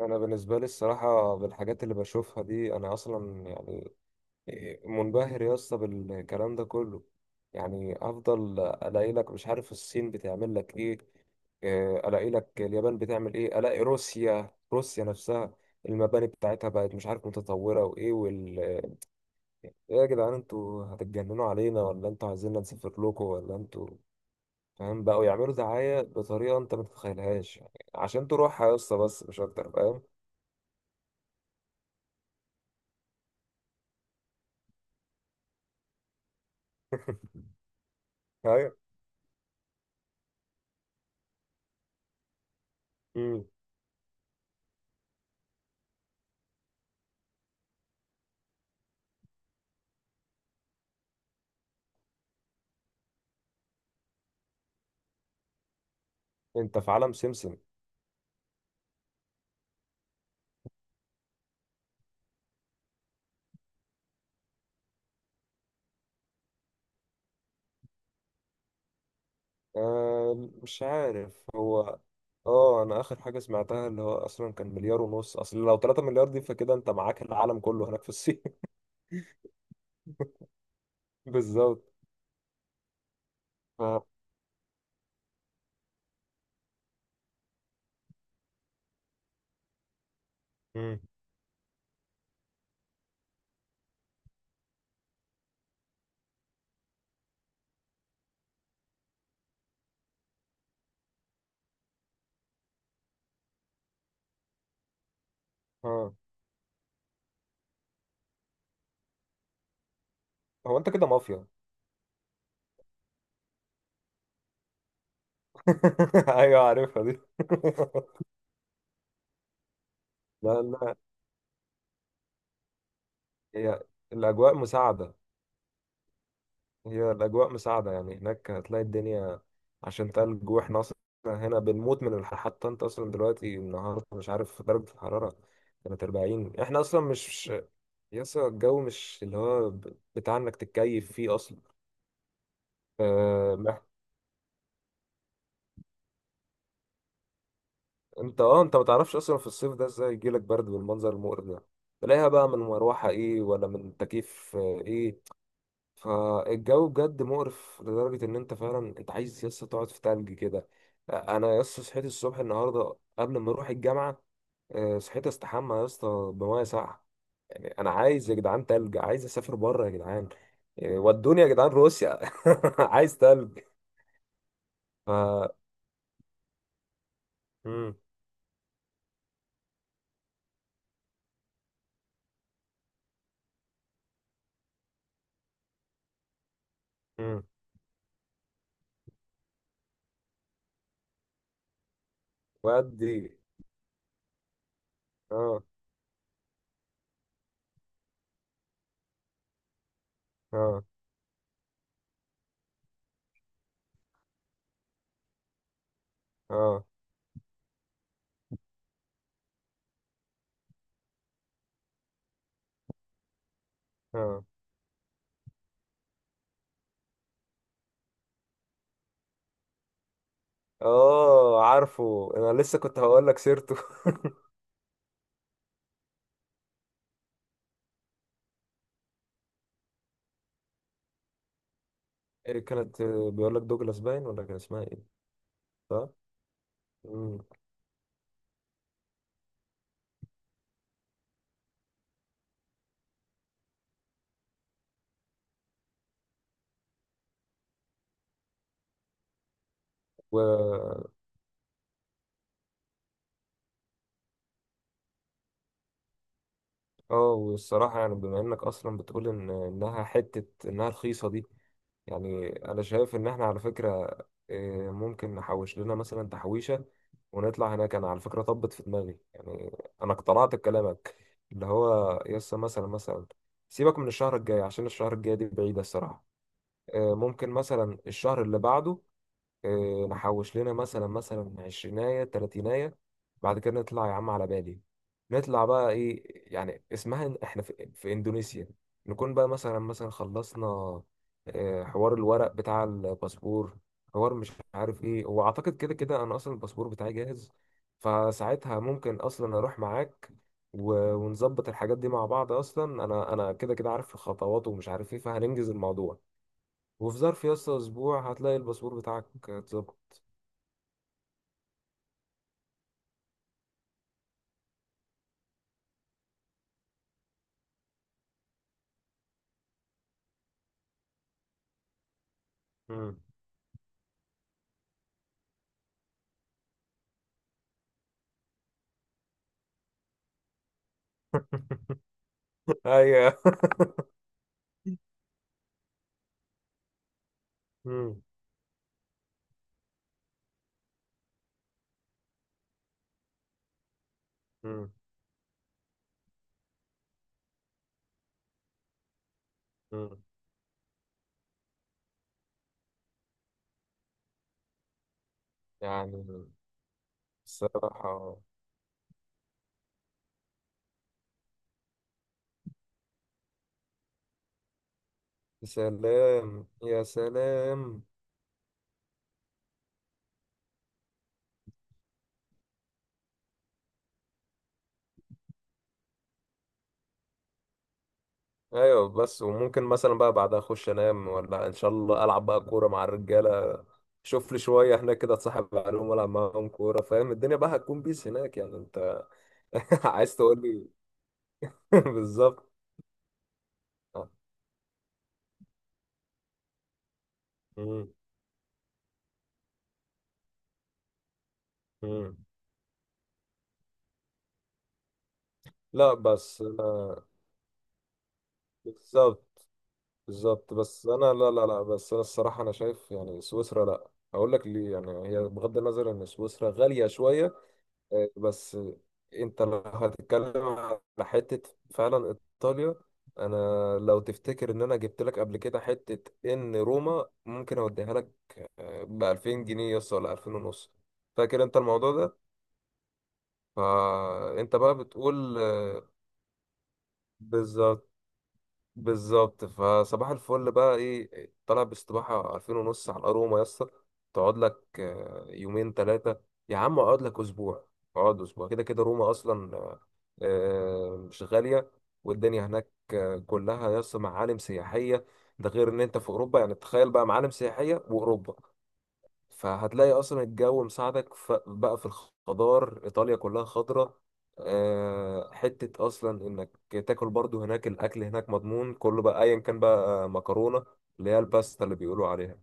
انا بالنسبه لي الصراحه، بالحاجات اللي بشوفها دي انا اصلا يعني منبهر يا اسطى بالكلام ده كله. يعني افضل الاقي لك مش عارف الصين بتعمل لك ايه؟ الاقي لك اليابان بتعمل ايه، الاقي روسيا، روسيا نفسها المباني بتاعتها بقت مش عارف متطوره، وايه وال ايه. يا جدعان، انتوا هتتجننوا علينا ولا انتوا عايزيننا نسافر لكم؟ ولا انتوا، فاهم، بقوا يعملوا دعايه بطريقه انت ما تتخيلهاش يعني عشان تروحها يا اسطى؟ بس مش اكتر، فاهم. ايوه، انت في عالم سمسم. مش عارف هو. اه، انا اخر حاجه سمعتها اللي هو اصلا كان مليار ونص. اصل لو 3 مليار دي فكده انت معاك العالم كله هناك في الصين. بالظبط. ف... مم. اه، هو انت كده مافيا؟ ايوه، عارفها دي. لا، لا. هي الاجواء مساعده. هي الاجواء مساعده، يعني هناك هتلاقي الدنيا عشان تلج. واحنا اصلا هنا بنموت من الحر، حتى انت اصلا دلوقتي النهارده مش عارف درجه الحراره كانت 40. احنا اصلا مش يسا الجو مش اللي هو بتاع انك تتكيف فيه اصلا. آه مح- انت ما تعرفش اصلا في الصيف ده ازاي يجيلك برد بالمنظر المقرف ده. تلاقيها بقى من مروحة ايه ولا من تكييف، ايه. فالجو بجد مقرف لدرجة ان انت فعلا، انت عايز يسا تقعد في تلج كده. انا يسا صحيت الصبح النهاردة قبل ما اروح الجامعة. صحيت استحمى يا اسطى بميه ساقعه. يعني انا عايز يا جدعان تلج، عايز اسافر بره يا جدعان. يعني ودوني يا جدعان روسيا. عايز تلج. مم. مم. ودي. اه، اه، اه، اه، اه، عارفه انا لسه كنت هقول لك سيرته. إيه كانت بيقول لك دوجلاس باين، ولا كان اسمها ايه؟ صح. مم. و اه، والصراحه يعني، بما انك اصلا بتقول ان انها حته انها رخيصه دي، يعني انا شايف ان احنا على فكرة، إيه، ممكن نحوش لنا مثلا تحويشة ونطلع هناك. انا على فكرة طبت في دماغي يعني، انا اقتنعت بكلامك. اللي هو يسا مثلا، سيبك من الشهر الجاي عشان الشهر الجاي دي بعيدة الصراحة. إيه، ممكن مثلا الشهر اللي بعده. نحوش لنا مثلا عشريناية تلاتيناية. بعد كده نطلع يا عم على بالي. نطلع بقى ايه؟ يعني اسمها احنا في اندونيسيا. نكون بقى مثلا خلصنا حوار الورق بتاع الباسبور، حوار مش عارف ايه. هو اعتقد كده كده انا اصلا الباسبور بتاعي جاهز، فساعتها ممكن اصلا اروح معاك ونظبط الحاجات دي مع بعض. اصلا انا كده كده عارف الخطوات ومش عارف ايه، فهننجز الموضوع. وفي ظرف يا اسطى اسبوع هتلاقي الباسبور بتاعك اتظبط. مم. ايوه. مم. مم. مم. يعني الصراحة، يا سلام، يا سلام. ايوه، بس وممكن مثلا بقى بعدها اخش انام، ولا ان شاء الله العب بقى كورة مع الرجالة. شوف لي شوية هناك كده، اتصاحب عليهم والعب معاهم كورة، فاهم، الدنيا بقى هتكون بيس هناك يعني انت. عايز تقول لي. بالظبط. آه. مم. مم. لا، بس بالظبط، بالظبط. بس انا، لا لا لا، بس انا الصراحه انا شايف يعني سويسرا لا. هقول لك ليه، يعني هي بغض النظر ان سويسرا غاليه شويه، بس انت لو هتتكلم على حته فعلا، ايطاليا، انا لو تفتكر ان انا جبت لك قبل كده حته ان روما ممكن اوديها لك ب 2000 جنيه يس، ولا 2000 ونص. فاكر انت الموضوع ده؟ فانت بقى بتقول بالظبط، بالظبط. فصباح الفل بقى ايه، طالع باستباحة 2000 ونص على الأروما يا اسطى. تقعد لك يومين ثلاثة. يا عم اقعد لك أسبوع. اقعد أسبوع كده كده، روما أصلا مش غالية، والدنيا هناك كلها يا اسطى معالم سياحية. ده غير إن أنت في أوروبا، يعني تخيل بقى، معالم سياحية وأوروبا. فهتلاقي اصلا الجو مساعدك، بقى في الخضار، ايطاليا كلها خضرة. حتة اصلا انك تاكل برضو هناك، الاكل هناك مضمون كله بقى، ايا كان، بقى مكرونة اللي هي الباستا اللي بيقولوا عليها،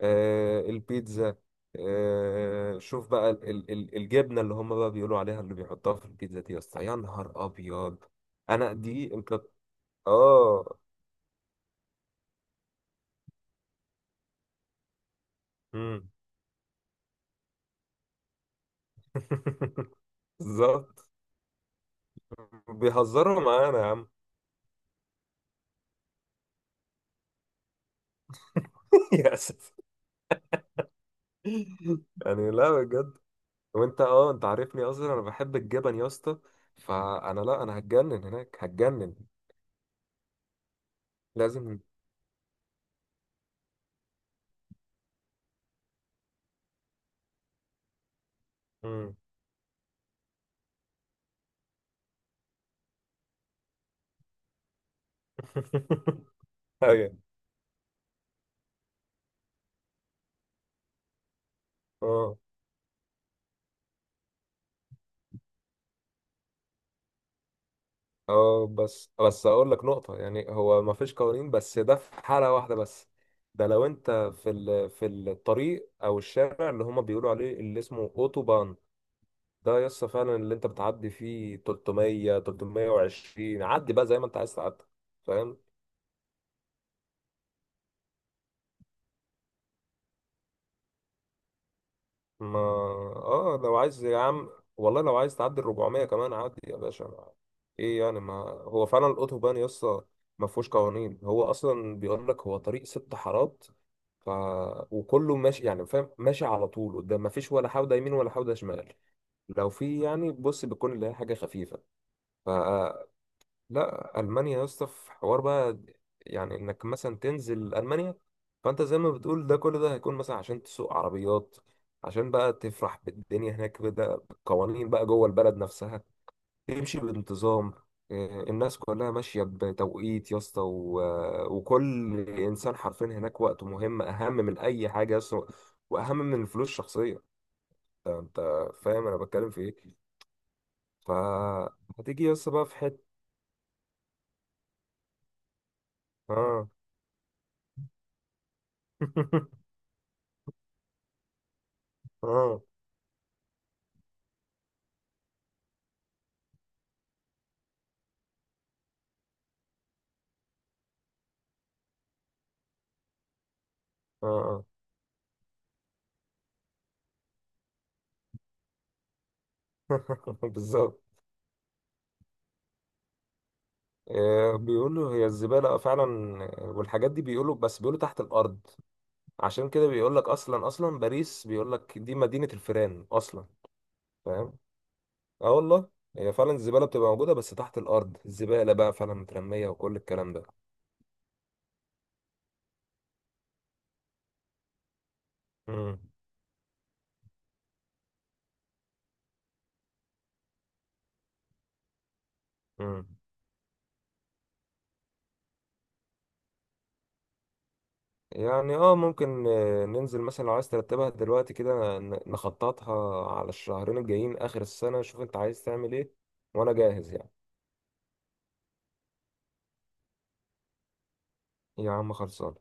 البيتزا. شوف بقى الجبنة اللي هم بقى بيقولوا عليها اللي بيحطوها في البيتزا دي يا اسطى، يا نهار ابيض، انا دي انت. اه. مم. بالظبط. بيهزروا معانا يا عم. يا اسف. يعني لا، بجد. وانت اه انت عارفني اصلا انا بحب الجبن يا اسطى. فانا لا، انا هتجنن هناك، هتجنن. لازم. مم. ايوه. اه، اه، بس بس، اقول لك نقطة. يعني هو ما فيش قوانين بس ده في حالة واحدة بس. ده لو انت في الطريق او الشارع اللي هما بيقولوا عليه اللي اسمه اوتوبان. ده يا اسطى فعلا، اللي انت بتعدي فيه 300، 320، عدي بقى زي ما انت عايز تعدي، فاهم. ما، اه، لو عايز يا عم، والله لو عايز تعدي ال 400 كمان، عدي يا باشا ايه يعني، ما هو فعلا الاوتوبان يسطا ما فيهوش قوانين. هو اصلا بيقول لك هو طريق 6 حارات، ف وكله ماشي، يعني فاهم، ماشي على طول قدام، ما فيش ولا حوده يمين ولا حوده شمال. لو في يعني بص بتكون اللي هي حاجه خفيفه. لا، المانيا يا اسطى في حوار بقى، يعني انك مثلا تنزل المانيا. فانت زي ما بتقول ده، كل ده هيكون مثلا عشان تسوق عربيات، عشان بقى تفرح بالدنيا هناك، بدا بالقوانين بقى جوه البلد نفسها. تمشي بانتظام، الناس كلها ماشيه بتوقيت يا اسطى، وكل انسان حرفيا هناك وقته مهم اهم من اي حاجه يا اسطى، واهم من الفلوس الشخصيه. أنت فاهم انا بتكلم في ايه. فهتيجي يا اسطى بقى في حته. اه. اه، اه، اه. بالظبط. بيقولوا هي الزبالة، اه فعلا. والحاجات دي بيقولوا، بس بيقولوا تحت الأرض. عشان كده بيقول لك أصلا، أصلا باريس بيقول لك دي مدينة الفيران أصلا، فاهم. اه، والله، هي فعلا الزبالة بتبقى موجودة بس تحت الأرض، الزبالة بقى فعلا مترمية، وكل الكلام ده. مم. مم. يعني اه، ممكن ننزل مثلا، لو عايز ترتبها دلوقتي كده نخططها على الشهرين الجايين آخر السنة، شوف انت عايز تعمل ايه وأنا جاهز يعني. يا عم خلصان.